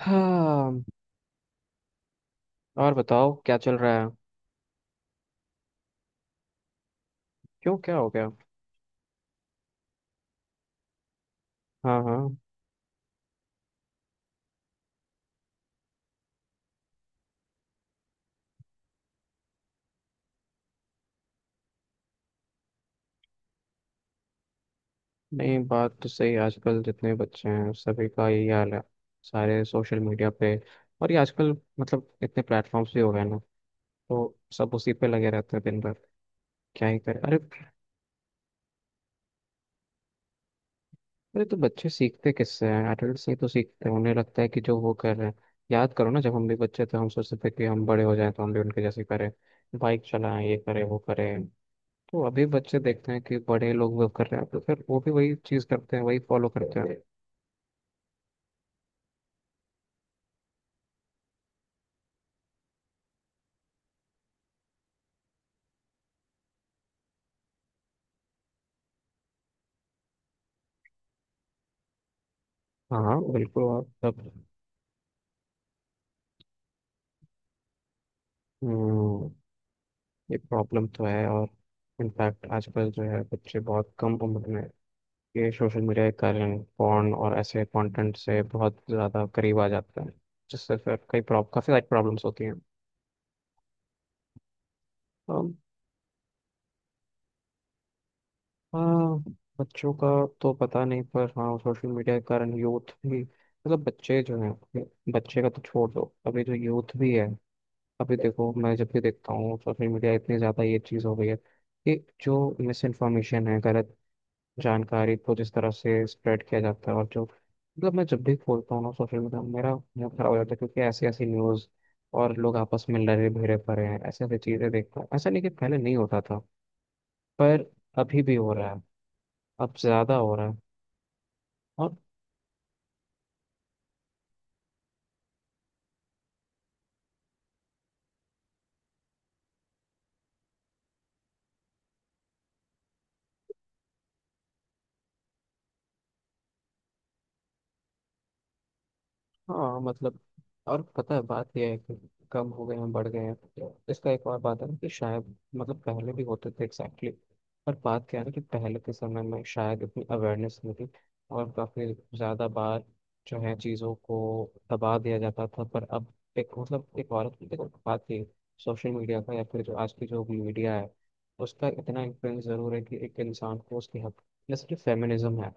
हाँ। और बताओ क्या चल रहा है? क्यों, क्या हो गया? हाँ, हाँ। नहीं, बात तो सही है। आजकल जितने बच्चे हैं सभी का यही हाल है। सारे सोशल मीडिया पे। और ये आजकल मतलब इतने प्लेटफॉर्म्स भी हो गए ना, तो सब उसी पे लगे रहते हैं दिन भर। क्या ही करें, अरे। अरे तो बच्चे सीखते किससे हैं, एडल्ट से ही तो सीखते हैं, उन्हें लगता है कि जो वो कर रहे हैं। याद करो ना, जब हम भी बच्चे थे हम सोचते थे कि हम बड़े हो जाएं तो हम भी उनके जैसे करें, बाइक चलाएं, ये करें वो करें। तो अभी बच्चे देखते हैं कि बड़े लोग वो कर रहे हैं, तो फिर वो भी वही चीज करते हैं, वही फॉलो करते हैं। हाँ बिल्कुल, आप सब। हम्म, ये प्रॉब्लम तो है। और इनफैक्ट आजकल जो है बच्चे बहुत कम उम्र में ये सोशल मीडिया के कारण फोन और ऐसे कंटेंट से बहुत ज़्यादा करीब आ जाते हैं, जिससे फिर कई प्रॉब काफ़ी सारी प्रॉब्लम्स होती हैं। अम, हाँ, बच्चों का तो पता नहीं, पर हाँ सोशल मीडिया के कारण यूथ भी, मतलब बच्चे जो हैं, बच्चे का तो छोड़ दो, अभी जो यूथ भी है। अभी देखो, मैं जब भी देखता हूँ सोशल मीडिया, इतनी ज़्यादा ये चीज़ हो गई है कि जो मिस इन्फॉर्मेशन है, गलत जानकारी को जिस तरह से स्प्रेड किया जाता है, और जो मतलब मैं जब भी खोलता हूँ ना सोशल मीडिया, मेरा मूड खराब हो जाता है, क्योंकि ऐसी ऐसी न्यूज़ और लोग आपस में लड़े भिड़े पड़े हैं, ऐसी ऐसी चीज़ें देखता हूँ। ऐसा नहीं कि पहले नहीं होता था, पर अभी भी हो रहा है, अब ज़्यादा हो रहा है। और हाँ मतलब, और पता है बात यह है कि कम हो गए हैं बढ़ गए हैं, तो इसका एक और बात है ना कि शायद, मतलब पहले भी होते थे एग्जैक्टली। पर बात क्या है ना कि पहले के समय में शायद इतनी अवेयरनेस नहीं थी, और काफ़ी ज़्यादा बार जो है चीज़ों को दबा दिया जाता था। पर अब एक मतलब एक औरत की, देखो बात ये, सोशल मीडिया का, या फिर जो आज की जो मीडिया है, उसका इतना इन्फ्लुएंस ज़रूर है कि एक इंसान को उसकी हक, जैसे कि फेमिनिज्म है।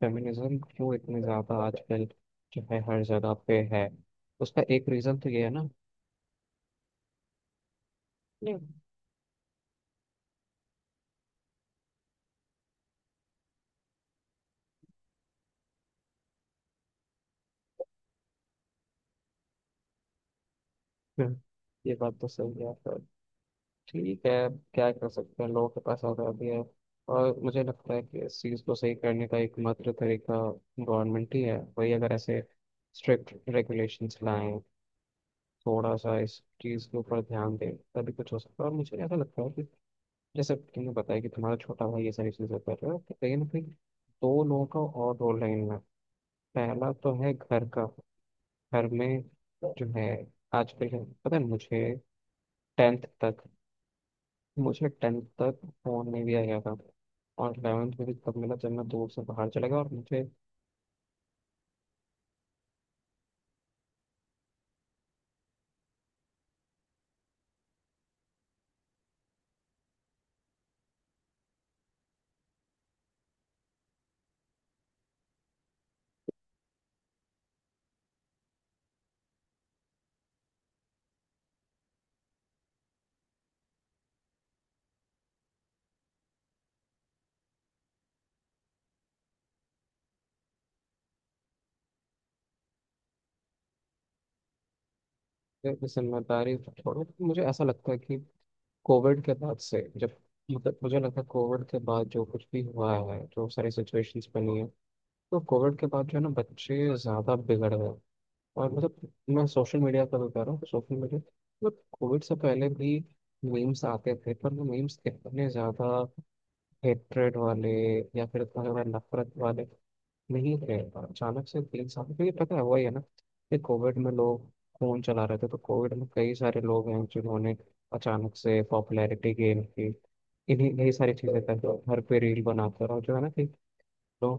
फेमिनिज्म क्यों इतने ज़्यादा आजकल, चाहे हर जगह पे है, उसका एक रीजन तो ये है ना। नहीं। हम्म। ये बात तो सही है, पर ठीक है, क्या कर सकते हैं, लोगों के पास आज़ादी है। और मुझे लगता है कि इस चीज़ को सही करने का एकमात्र तरीका गवर्नमेंट ही है, वही अगर ऐसे स्ट्रिक्ट रेगुलेशंस लाएं, थोड़ा सा इस चीज़ के ऊपर ध्यान दें, तभी कुछ हो सकता है। और मुझे ऐसा लगता है कि जैसे तुमने बताया कि तुम्हारा छोटा भाई ये सारी चीज़ें कर रहा है, तो कहीं ना कहीं दो लोगों का और रोल है इनमें। पहला तो है घर का, घर में जो है आजकल, क्या पता है मुझे। टेंथ तक, मुझे टेंथ तक फोन नहीं दिया गया था, और इलेवेंथ में भी तब मिला जब मैं दूर से बाहर चला गया। और मुझे ये जिम्मेदारी छोड़ो, मुझे ऐसा लगता है कि कोविड के बाद से जब, मतलब मुझे लगता है कोविड के बाद जो कुछ भी हुआ है, जो सारी सिचुएशंस बनी है, तो कोविड के बाद जो है ना बच्चे ज़्यादा बिगड़ गए। और मतलब मैं सोशल मीडिया का बता रहा हूँ, सोशल मीडिया मतलब कोविड से पहले भी मीम्स आते थे, पर वो मीम्स इतने ज़्यादा हेट्रेड वाले या फिर इतना ज़्यादा नफरत वाले नहीं थे। अचानक से तीन साल, क्योंकि पता है वही है ना कि कोविड में लोग फ़ोन चला रहे थे, तो कोविड में कई सारे लोग हैं जिन्होंने अचानक से पॉपुलैरिटी गेन की, इन्हीं यही सारी चीज़ें कर, घर पे रील बनाकर, और जो है ना कि लोगों,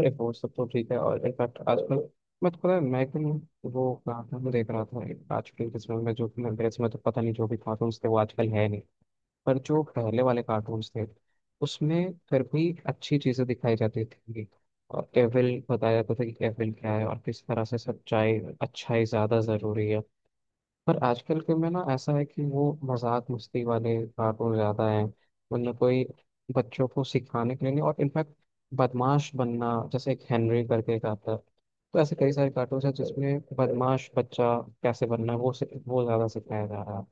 अरे वो सब तो ठीक है। और इनफैक्ट आजकल, मैं तो पता है मैं कल वो कार्टून में देख रहा था एक, आजकल के समय में जो कि मेरे समय तो पता नहीं, जो भी कार्टून्स थे वो आजकल है नहीं। पर जो पहले वाले कार्टून्स थे उसमें फिर भी अच्छी चीज़ें दिखाई जाती थी, और एविल बताया जाता था कि एविल क्या है और किस तरह से सच्चाई अच्छाई ज़्यादा ज़रूरी है। पर आजकल के में ना ऐसा है कि वो मजाक मस्ती वाले कार्टून ज्यादा हैं, उनमें कोई बच्चों को सिखाने के लिए नहीं। और इनफैक्ट बदमाश बनना, जैसे एक हेनरी करके एक आता है, तो ऐसे कई सारे कार्टून हैं जिसमें बदमाश बच्चा कैसे बनना है वो वो ज्यादा सिखाया जा रहा है।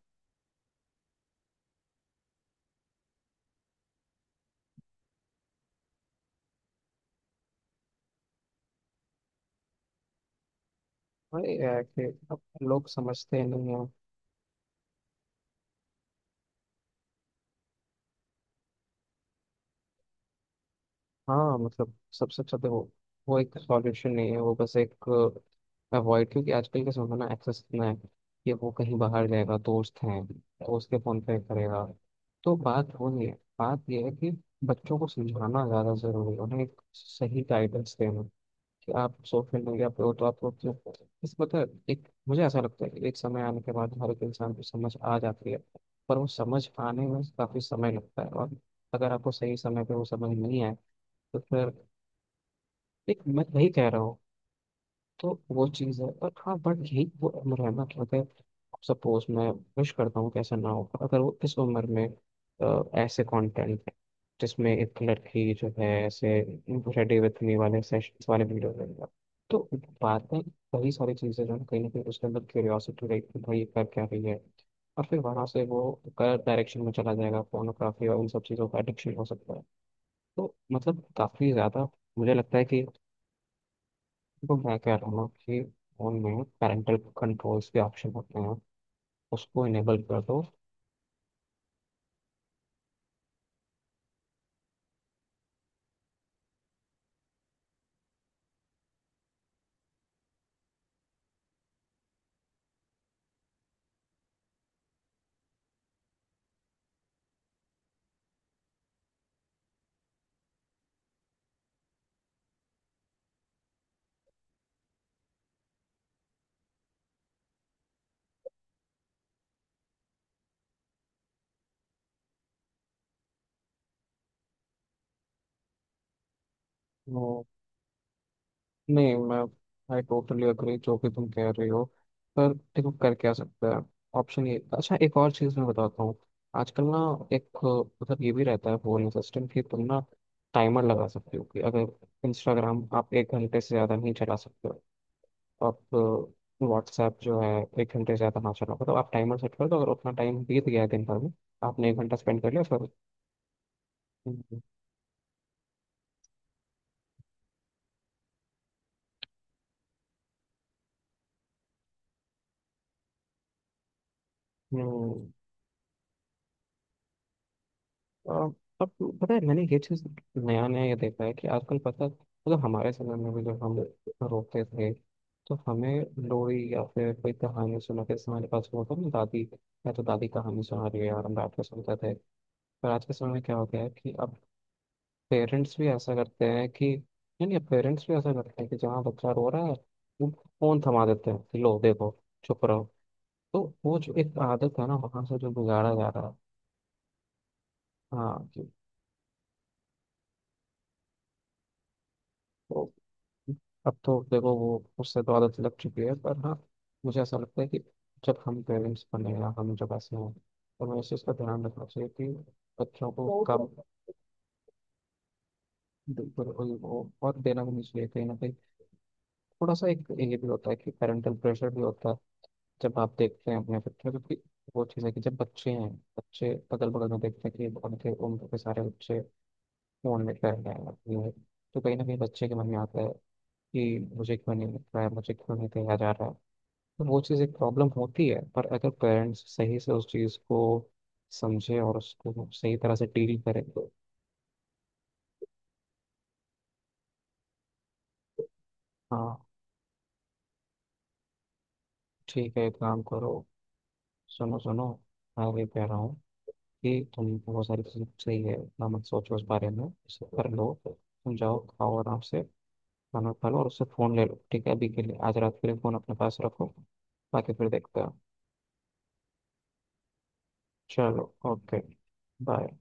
अरे यार कि अब लोग समझते नहीं। हाँ मतलब, सबसे अच्छा देखो, वो एक सॉल्यूशन नहीं है, वो बस एक अवॉइड, क्योंकि आजकल के समय में ना एक्सेस इतना है कि वो कहीं बाहर जाएगा, दोस्त हैं तो उसके फोन पे करेगा। तो बात वो नहीं है, बात ये है कि बच्चों को समझाना ज़्यादा ज़रूरी है, उन्हें एक सही गाइडेंस देना कि आप सोशल मीडिया पे हो तो आपको क्यों, इस मतलब एक मुझे ऐसा लगता है कि एक समय आने के बाद हर एक इंसान को समझ आ जाती है। पर वो समझ आने में काफ़ी समय लगता है, और अगर आपको सही समय पे वो समझ नहीं आए तो फिर, एक मैं वही कह रहा हूँ, तो वो चीज़ है। और हाँ बट यही वो उम्र है ना कि अगर सपोज, मैं विश करता हूँ कि ऐसा ना हो, पर अगर वो इस उम्र में ऐसे कंटेंट है जिसमें एक लड़की जो है ऐसे रेडी विथ मी वाले सेशंस वाले वीडियो देगा, तो बातें, कई सारी चीज़ें जो है, कहीं ना कहीं उसके अंदर क्यूरियोसिटी रहेगी कि भाई ये कर क्या रही है, और फिर वहाँ से वो गलत डायरेक्शन में चला जाएगा, pornography और उन सब चीज़ों का एडिक्शन हो सकता है। तो मतलब काफ़ी ज़्यादा मुझे लगता है कि, तो मैं कह रहा हूँ कि फोन में पेरेंटल कंट्रोल्स के ऑप्शन होते हैं, उसको इनेबल कर दो। वो नहीं, मैं आई टोटली अग्री जो कि तुम कह रही हो, पर देखो कर क्या सकते हैं। ऑप्शन ये, अच्छा एक और चीज़ मैं बताता हूँ। आजकल ना एक, मतलब ये भी रहता है फोन सिस्टम कि तुम ना टाइमर लगा सकते हो कि अगर इंस्टाग्राम आप एक घंटे से ज़्यादा नहीं चला सकते, आप व्हाट्सएप जो है एक घंटे से ज़्यादा ना चलाओ, तो आप टाइमर सेट कर दो, अगर उतना टाइम बीत गया है दिन भर में, आपने एक घंटा स्पेंड कर लिया, फिर, हम्म, हम्म, अ, अब पता है मैंने ये चीज़ नया नया ये देखा है कि आजकल, पता मतलब हमारे समय में भी जब हम रोते थे तो हमें लोरी या फिर कोई कहानी सुनाते थे, हमारे पास वो था ना दादी, या तो दादी कहानी सुना रही है और हम बैठ के सुनते थे। पर आज के समय में क्या हो गया है कि अब पेरेंट्स भी ऐसा करते हैं कि नहीं नहीं पेरेंट्स भी ऐसा करते हैं कि जहाँ बच्चा रो रहा है वो फोन थमा देते हैं कि लो देखो, चुप रहो। तो वो जो एक आदत है ना, वहां से जो गुजारा जा रहा है। हाँ कि तो अब तो देखो वो उससे तो आदत लग चुकी है। पर हाँ मुझे ऐसा लगता है कि जब हम पेरेंट्स बने या हम जब ऐसे हों तो हमें इस चीज़ का ध्यान रखना चाहिए कि बच्चों को कम, बिल्कुल वो और देना भी नहीं चाहिए। कहीं ना कहीं थोड़ा सा एक ये भी होता है कि पेरेंटल प्रेशर भी होता है, जब आप देखते हैं अपने बच्चों को कि, वो चीज़ है कि जब बच्चे हैं, बच्चे अगल बगल में देखते हैं कि उनके उम्र के सारे बच्चे फोन में कर रहे हैं अपनी है, तो कहीं ना कहीं बच्चे के मन में आता है कि मुझे क्यों नहीं मिल रहा है, मुझे क्यों नहीं कहा जा रहा है। तो वो चीज़ एक प्रॉब्लम होती है, पर अगर पेरेंट्स सही से उस चीज़ को समझे और उसको सही तरह से डील करें तो, हाँ ठीक है, काम करो। सुनो, सुनो। मैं भी कह रहा हूँ कि तुम, बहुत सारी चीज़ें सही है, इतना मत सोचो उस बारे में, इसे कर लो, तुम जाओ खाओ आराम से, खाना खा लो और उससे फ़ोन ले लो, ठीक है? अभी के लिए, आज रात के लिए फ़ोन अपने पास रखो, बाकी फिर देखते हैं। चलो ओके। बाय।